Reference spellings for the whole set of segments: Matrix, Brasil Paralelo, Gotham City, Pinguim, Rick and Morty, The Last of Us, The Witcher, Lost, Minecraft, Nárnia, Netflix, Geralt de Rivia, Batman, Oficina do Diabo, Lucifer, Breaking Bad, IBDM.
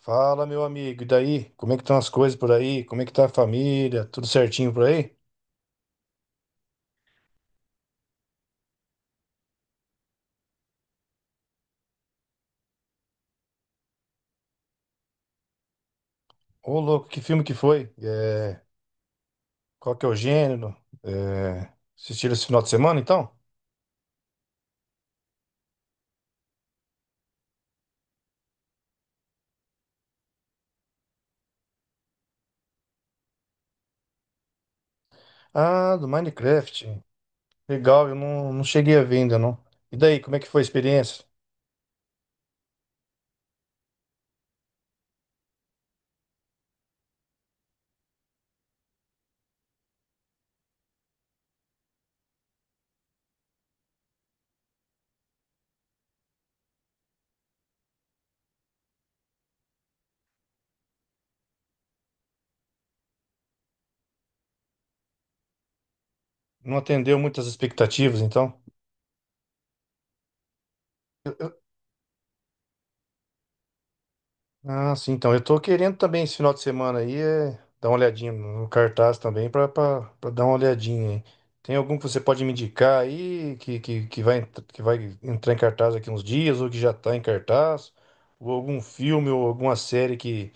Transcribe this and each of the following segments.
Fala, meu amigo, e daí? Como é que estão as coisas por aí? Como é que tá a família? Tudo certinho por aí? Ô, louco, que filme que foi? Qual que é o gênero? É... Assistiram esse final de semana, então? Ah, do Minecraft. Legal, eu não cheguei a ver ainda, não. E daí, como é que foi a experiência? Não atendeu muitas expectativas, então? Ah, sim, então eu tô querendo também esse final de semana aí, dar uma olhadinha no cartaz também pra dar uma olhadinha aí. Tem algum que você pode me indicar aí que vai, que vai entrar em cartaz daqui uns dias ou que já tá em cartaz? Ou algum filme ou alguma série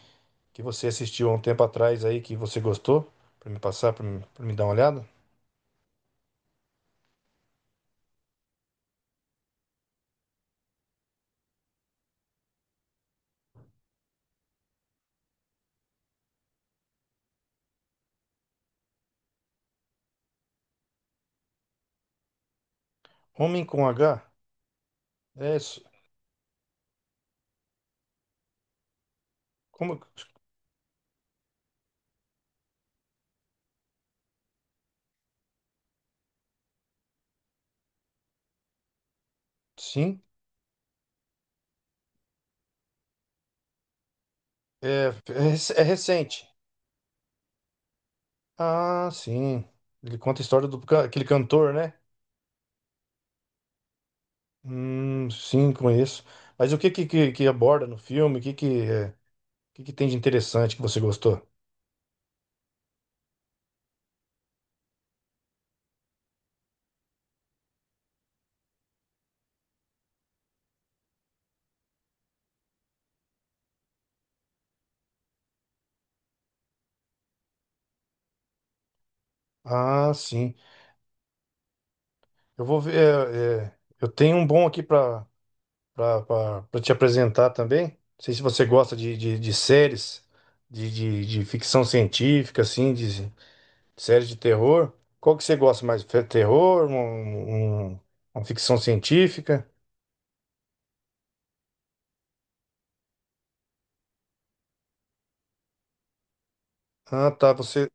que você assistiu há um tempo atrás aí que você gostou? Pra me passar, pra me dar uma olhada? Homem com H? É, s- Como? Sim, é recente. Ah, sim. Ele conta a história do aquele cantor, né? Sim, conheço. Mas o que que aborda no filme? O que que tem de interessante que você gostou? Ah, sim. Eu vou ver. Eu tenho um bom aqui para te apresentar também. Não sei se você gosta de séries, de ficção científica, assim, de séries de terror. Qual que você gosta mais? Terror? Uma ficção científica? Ah, tá. você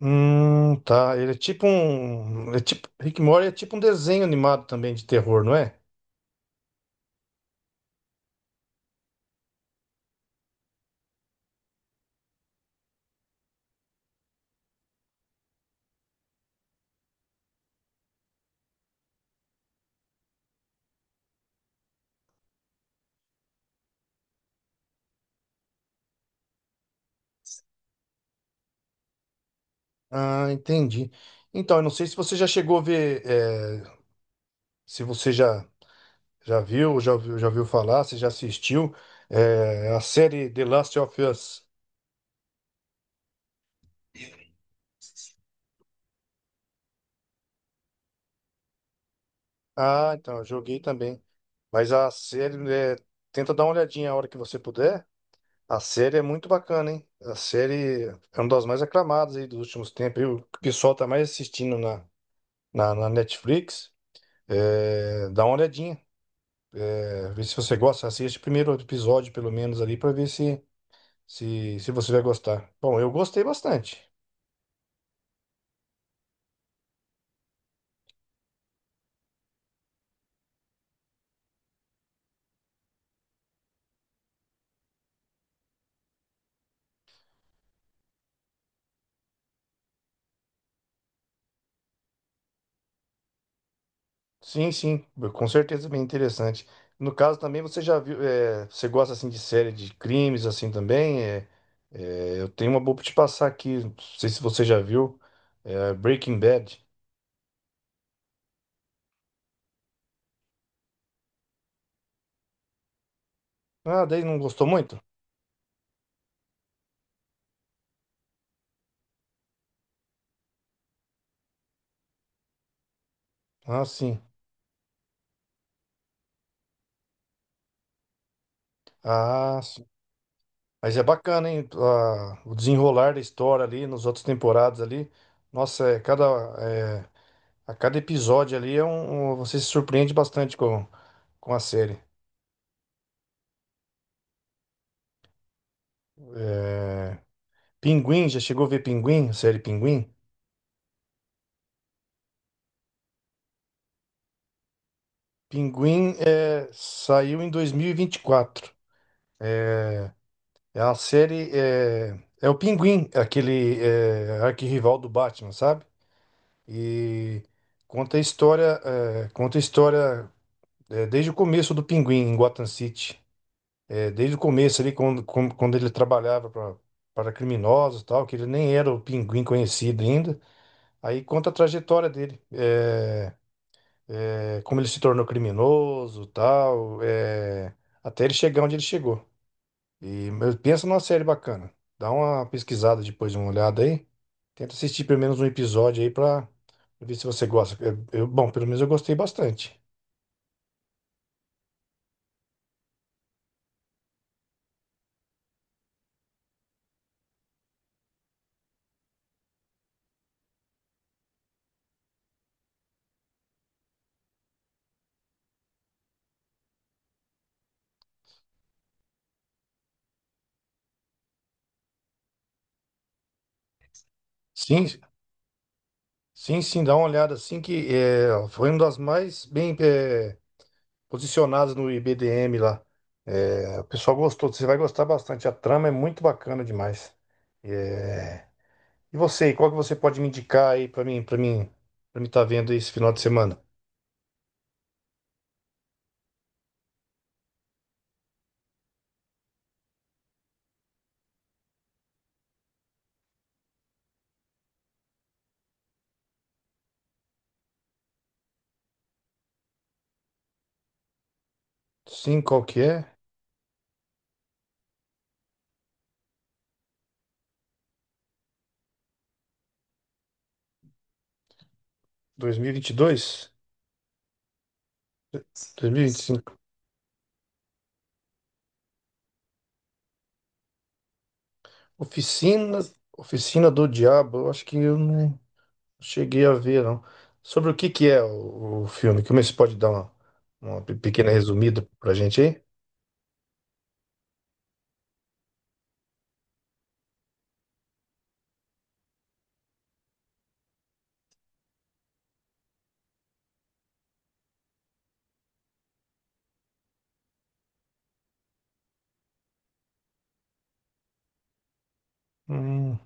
Tá. Ele é tipo um. É tipo... Rick and Morty é tipo um desenho animado também de terror, não é? Ah, entendi. Então, eu não sei se você já chegou a ver. Se você já viu, já ouviu falar, se já assistiu. A série The Last of Us. Ah, então, eu joguei também. Mas a série. Tenta dar uma olhadinha a hora que você puder. A série é muito bacana, hein? A série é uma das mais aclamadas aí dos últimos tempos. Aí O pessoal tá mais assistindo na Netflix. É, dá uma olhadinha, vê se você gosta. Assiste o primeiro episódio, pelo menos, ali, pra ver se você vai gostar. Bom, eu gostei bastante. Sim, sim, com certeza é bem interessante. No caso também, você já viu, é, você gosta assim de série de crimes assim também? Eu tenho uma boa pra te passar aqui, não sei se você já viu, Breaking Bad. Ah, daí não gostou muito? Ah, sim. Ah, mas é bacana, hein? O desenrolar da história ali nos outras temporadas ali. Nossa, é, a cada episódio ali é você se surpreende bastante com a série. Pinguim, já chegou a ver Pinguim? A série Pinguim? Pinguim saiu em dois mil e vinte e quatro. É uma série. É, é o Pinguim, aquele é, arquirrival do Batman, sabe? E conta a história, desde o começo do Pinguim em Gotham City. É, desde o começo ali, quando quando ele trabalhava para criminosos e tal, que ele nem era o pinguim conhecido ainda. Aí conta a trajetória dele, como ele se tornou criminoso, e tal, até ele chegar onde ele chegou. E mas pensa numa série bacana. Dá uma pesquisada depois, uma olhada aí. Tenta assistir pelo menos um episódio aí para ver se você gosta. É, bom, pelo menos eu gostei bastante. Sim, sim, sim, dá uma olhada assim que é, foi uma das mais bem posicionados no IBDM lá. É, o pessoal gostou, você vai gostar bastante. A trama é muito bacana demais. É, e você, qual que você pode me indicar aí pra mim, para mim, para mim tá vendo esse final de semana? Sim, qual que é? Dois mil e vinte e dois? Dois mil e vinte e cinco. Oficina, Oficina do Diabo. Eu acho que eu não cheguei a ver, não. Sobre o que que é o filme? Como é que você pode dar uma pequena resumida pra gente aí? Hum,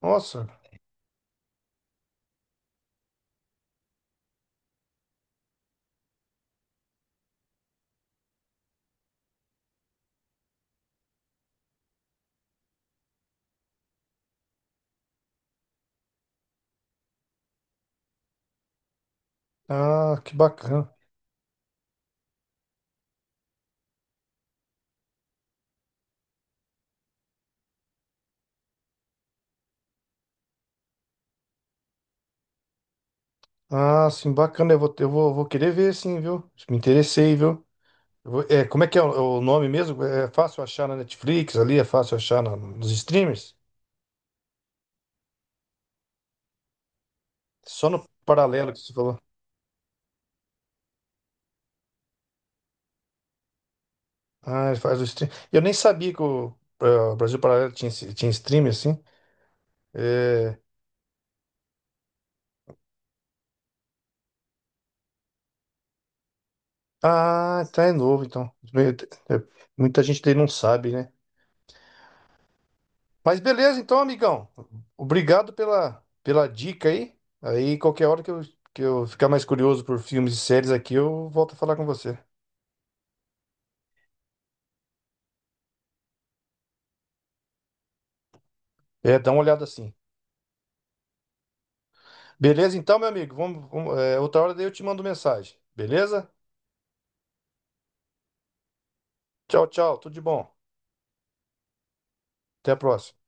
nossa, ah, que bacana. Ah, sim, bacana. Vou querer ver, sim, viu? Me interessei, viu? É, como é que é o nome mesmo? É é fácil achar na Netflix ali, é fácil achar nos streamers? Só no paralelo que você falou. Ah, ele faz o stream. Eu nem sabia que o eh, o Brasil Paralelo tinha, tinha stream assim. É, Ah, tá, é novo, então. Muita gente daí não sabe, né? Mas beleza, então, amigão. Obrigado pela, pela dica aí. Aí, qualquer hora que eu ficar mais curioso por filmes e séries aqui, eu volto a falar com você. É, dá uma olhada assim. Beleza, então, meu amigo. Outra hora daí eu te mando mensagem. Beleza? Tchau, tchau. Tudo de bom. Até a próxima.